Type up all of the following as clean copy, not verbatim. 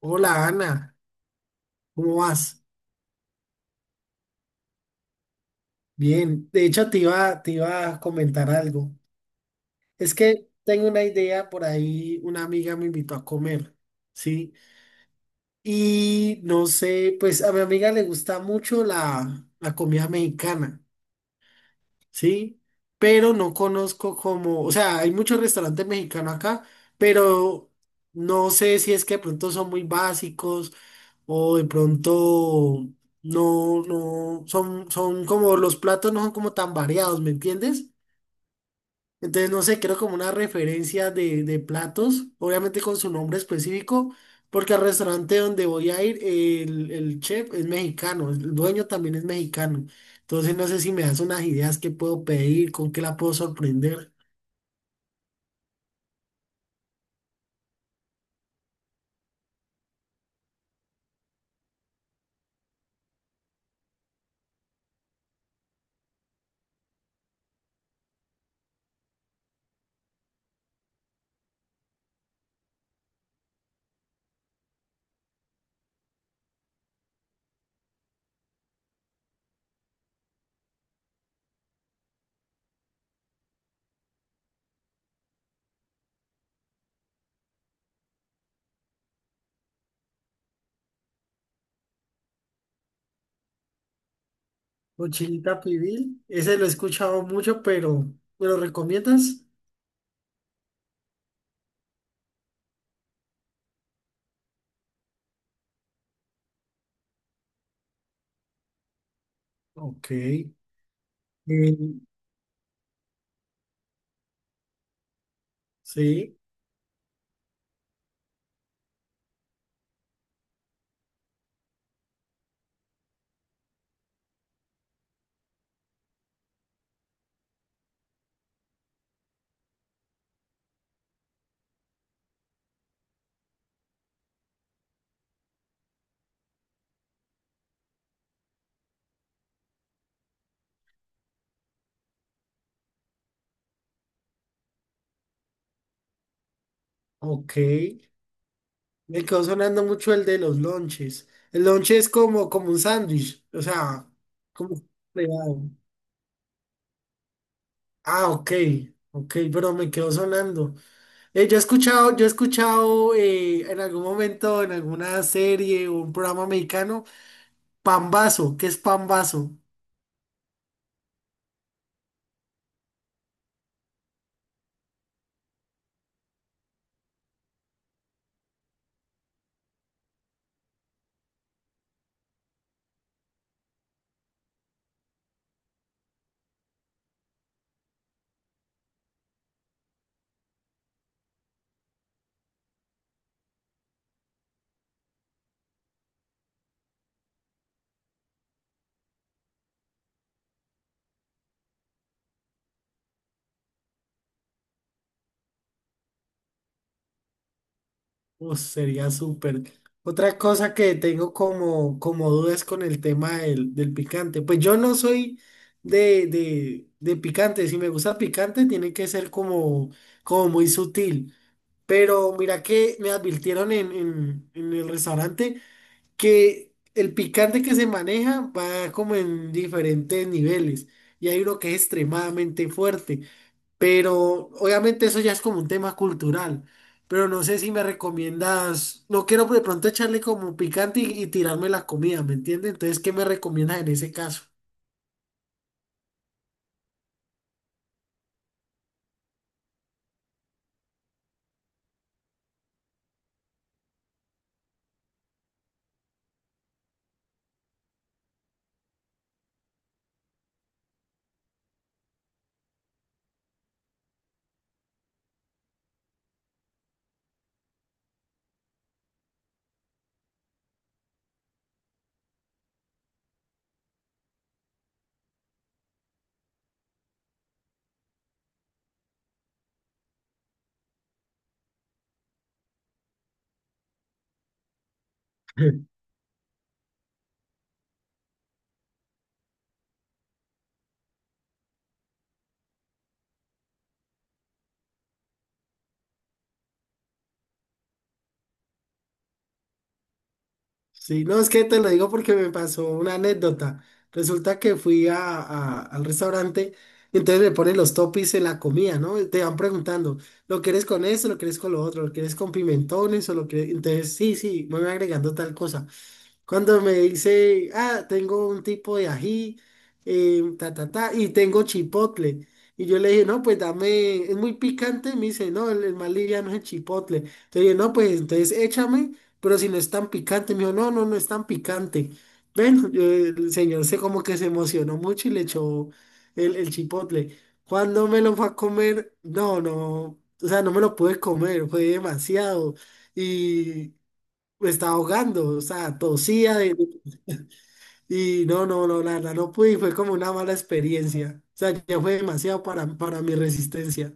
Hola Ana, ¿cómo vas? Bien, de hecho te iba a comentar algo. Es que tengo una idea por ahí, una amiga me invitó a comer, ¿sí? Y no sé, pues a mi amiga le gusta mucho la comida mexicana. ¿Sí? Pero no conozco como, o sea, hay muchos restaurantes mexicanos acá, pero no sé si es que de pronto son muy básicos o de pronto no, no, son como, los platos no son como tan variados, ¿me entiendes? Entonces, no sé, creo como una referencia de platos, obviamente con su nombre específico, porque al restaurante donde voy a ir, el chef es mexicano, el dueño también es mexicano. Entonces, no sé si me das unas ideas que puedo pedir, con qué la puedo sorprender. Mochilita pibil, ese lo he escuchado mucho, pero ¿me lo recomiendas? Ok. eh, sí, ok. Me quedó sonando mucho el de los lonches. El lonche es como, como un sándwich, o sea, como plegado. Ah, ok, ok, pero me quedó sonando. Yo he escuchado en algún momento, en alguna serie o un programa mexicano, pambazo, ¿qué es pambazo? Sería súper. Otra cosa que tengo como, como dudas con el tema del picante. Pues yo no soy de picante. Si me gusta picante, tiene que ser como, como muy sutil. Pero mira que me advirtieron en el restaurante que el picante que se maneja va como en diferentes niveles. Y hay uno que es extremadamente fuerte. Pero obviamente eso ya es como un tema cultural. Pero no sé si me recomiendas. No quiero de pronto echarle como picante y tirarme la comida, ¿me entiendes? Entonces, ¿qué me recomiendas en ese caso? Sí, no, es que te lo digo porque me pasó una anécdota. Resulta que fui a, al restaurante y entonces me ponen los toppings en la comida, ¿no? Y te van preguntando, ¿lo quieres con esto, lo quieres con lo otro, lo quieres con pimentones o lo quieres? Entonces, sí, sí, me voy agregando tal cosa. Cuando me dice, ah, tengo un tipo de ají, ta, ta, ta, y tengo chipotle. Y yo le dije, no, pues dame, es muy picante. Y me dice, no, el más liviano es el chipotle. Entonces dije, no, pues entonces échame, pero si no es tan picante. Me dijo, no, no, no es tan picante. Bueno, el señor se como que se emocionó mucho y le echó el chipotle. Cuando me lo fue a comer, no, no, o sea, no me lo pude comer, fue demasiado, me estaba ahogando, o sea, y no, no, no, la verdad no pude y fue como una mala experiencia. O sea, ya fue demasiado para mi resistencia.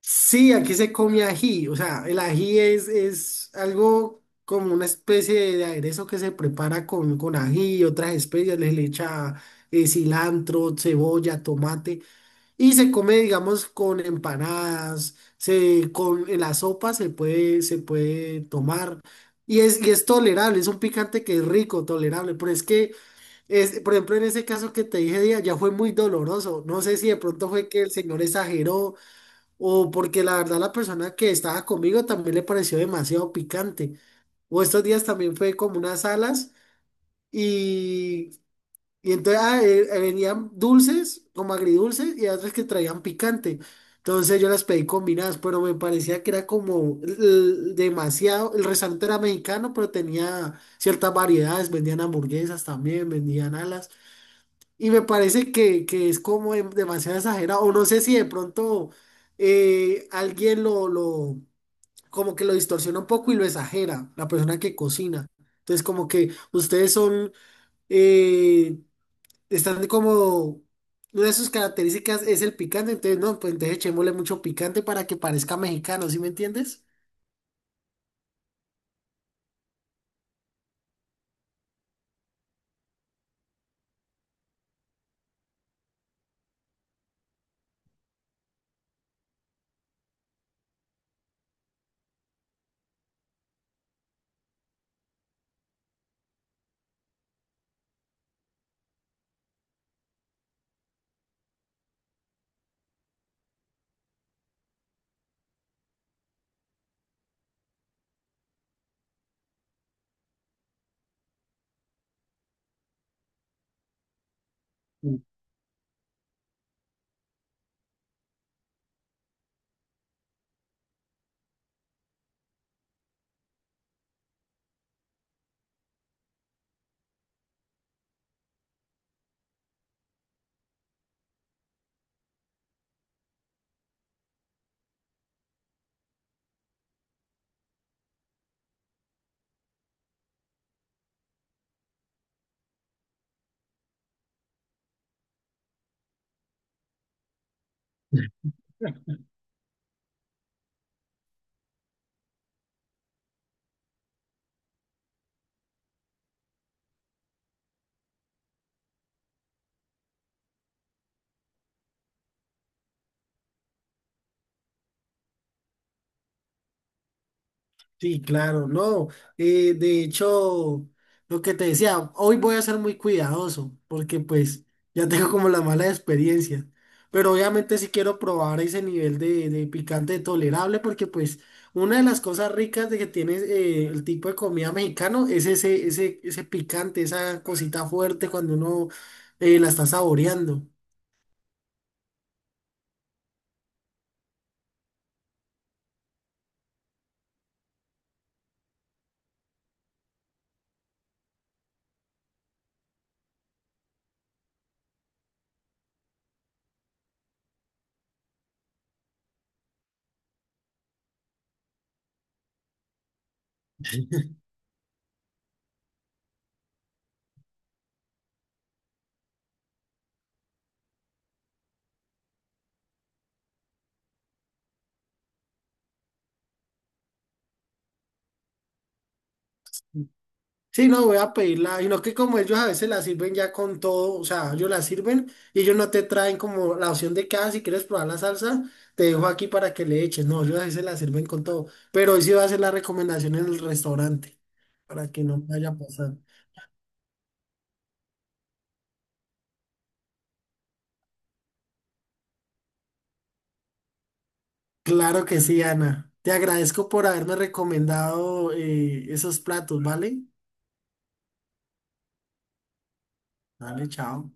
Sí, aquí se come ají, o sea, el ají es algo como una especie de aderezo que se prepara con ají y otras especias, le echa cilantro, cebolla, tomate. Y se come, digamos, con empanadas, se, con en la sopa se puede tomar. Y es tolerable, es un picante que es rico, tolerable. Pero es que, es, por ejemplo, en ese caso que te dije ya, ya fue muy doloroso. No sé si de pronto fue que el señor exageró o porque la verdad la persona que estaba conmigo también le pareció demasiado picante. O estos días también fue como unas alas y entonces ah, venían dulces, como agridulces, y otras que traían picante. Entonces yo las pedí combinadas, pero me parecía que era como demasiado. El restaurante era mexicano, pero tenía ciertas variedades. Vendían hamburguesas también, vendían alas. Y me parece que es como demasiado exagerado. O no sé si de pronto alguien como que lo distorsiona un poco y lo exagera, la persona que cocina. Entonces como que ustedes son... eh, están como, una de sus características es el picante, entonces no, pues entonces echémosle mucho picante para que parezca mexicano, ¿sí me entiendes? Sí, claro, no. De hecho, lo que te decía, hoy voy a ser muy cuidadoso porque pues ya tengo como la mala experiencia. Pero obviamente sí quiero probar ese nivel de picante tolerable porque pues una de las cosas ricas de que tiene el tipo de comida mexicano es ese, ese, ese picante, esa cosita fuerte cuando uno la está saboreando. Sí, no, voy a pedirla, sino que como ellos a veces la sirven ya con todo, o sea, ellos la sirven y ellos no te traen como la opción de que, ah, si quieres probar la salsa, te dejo aquí para que le eches. No, ellos a veces la sirven con todo, pero hoy sí va a hacer la recomendación en el restaurante, para que no vaya a pasar. Claro que sí, Ana. Te agradezco por haberme recomendado esos platos, ¿vale? Dale, chao.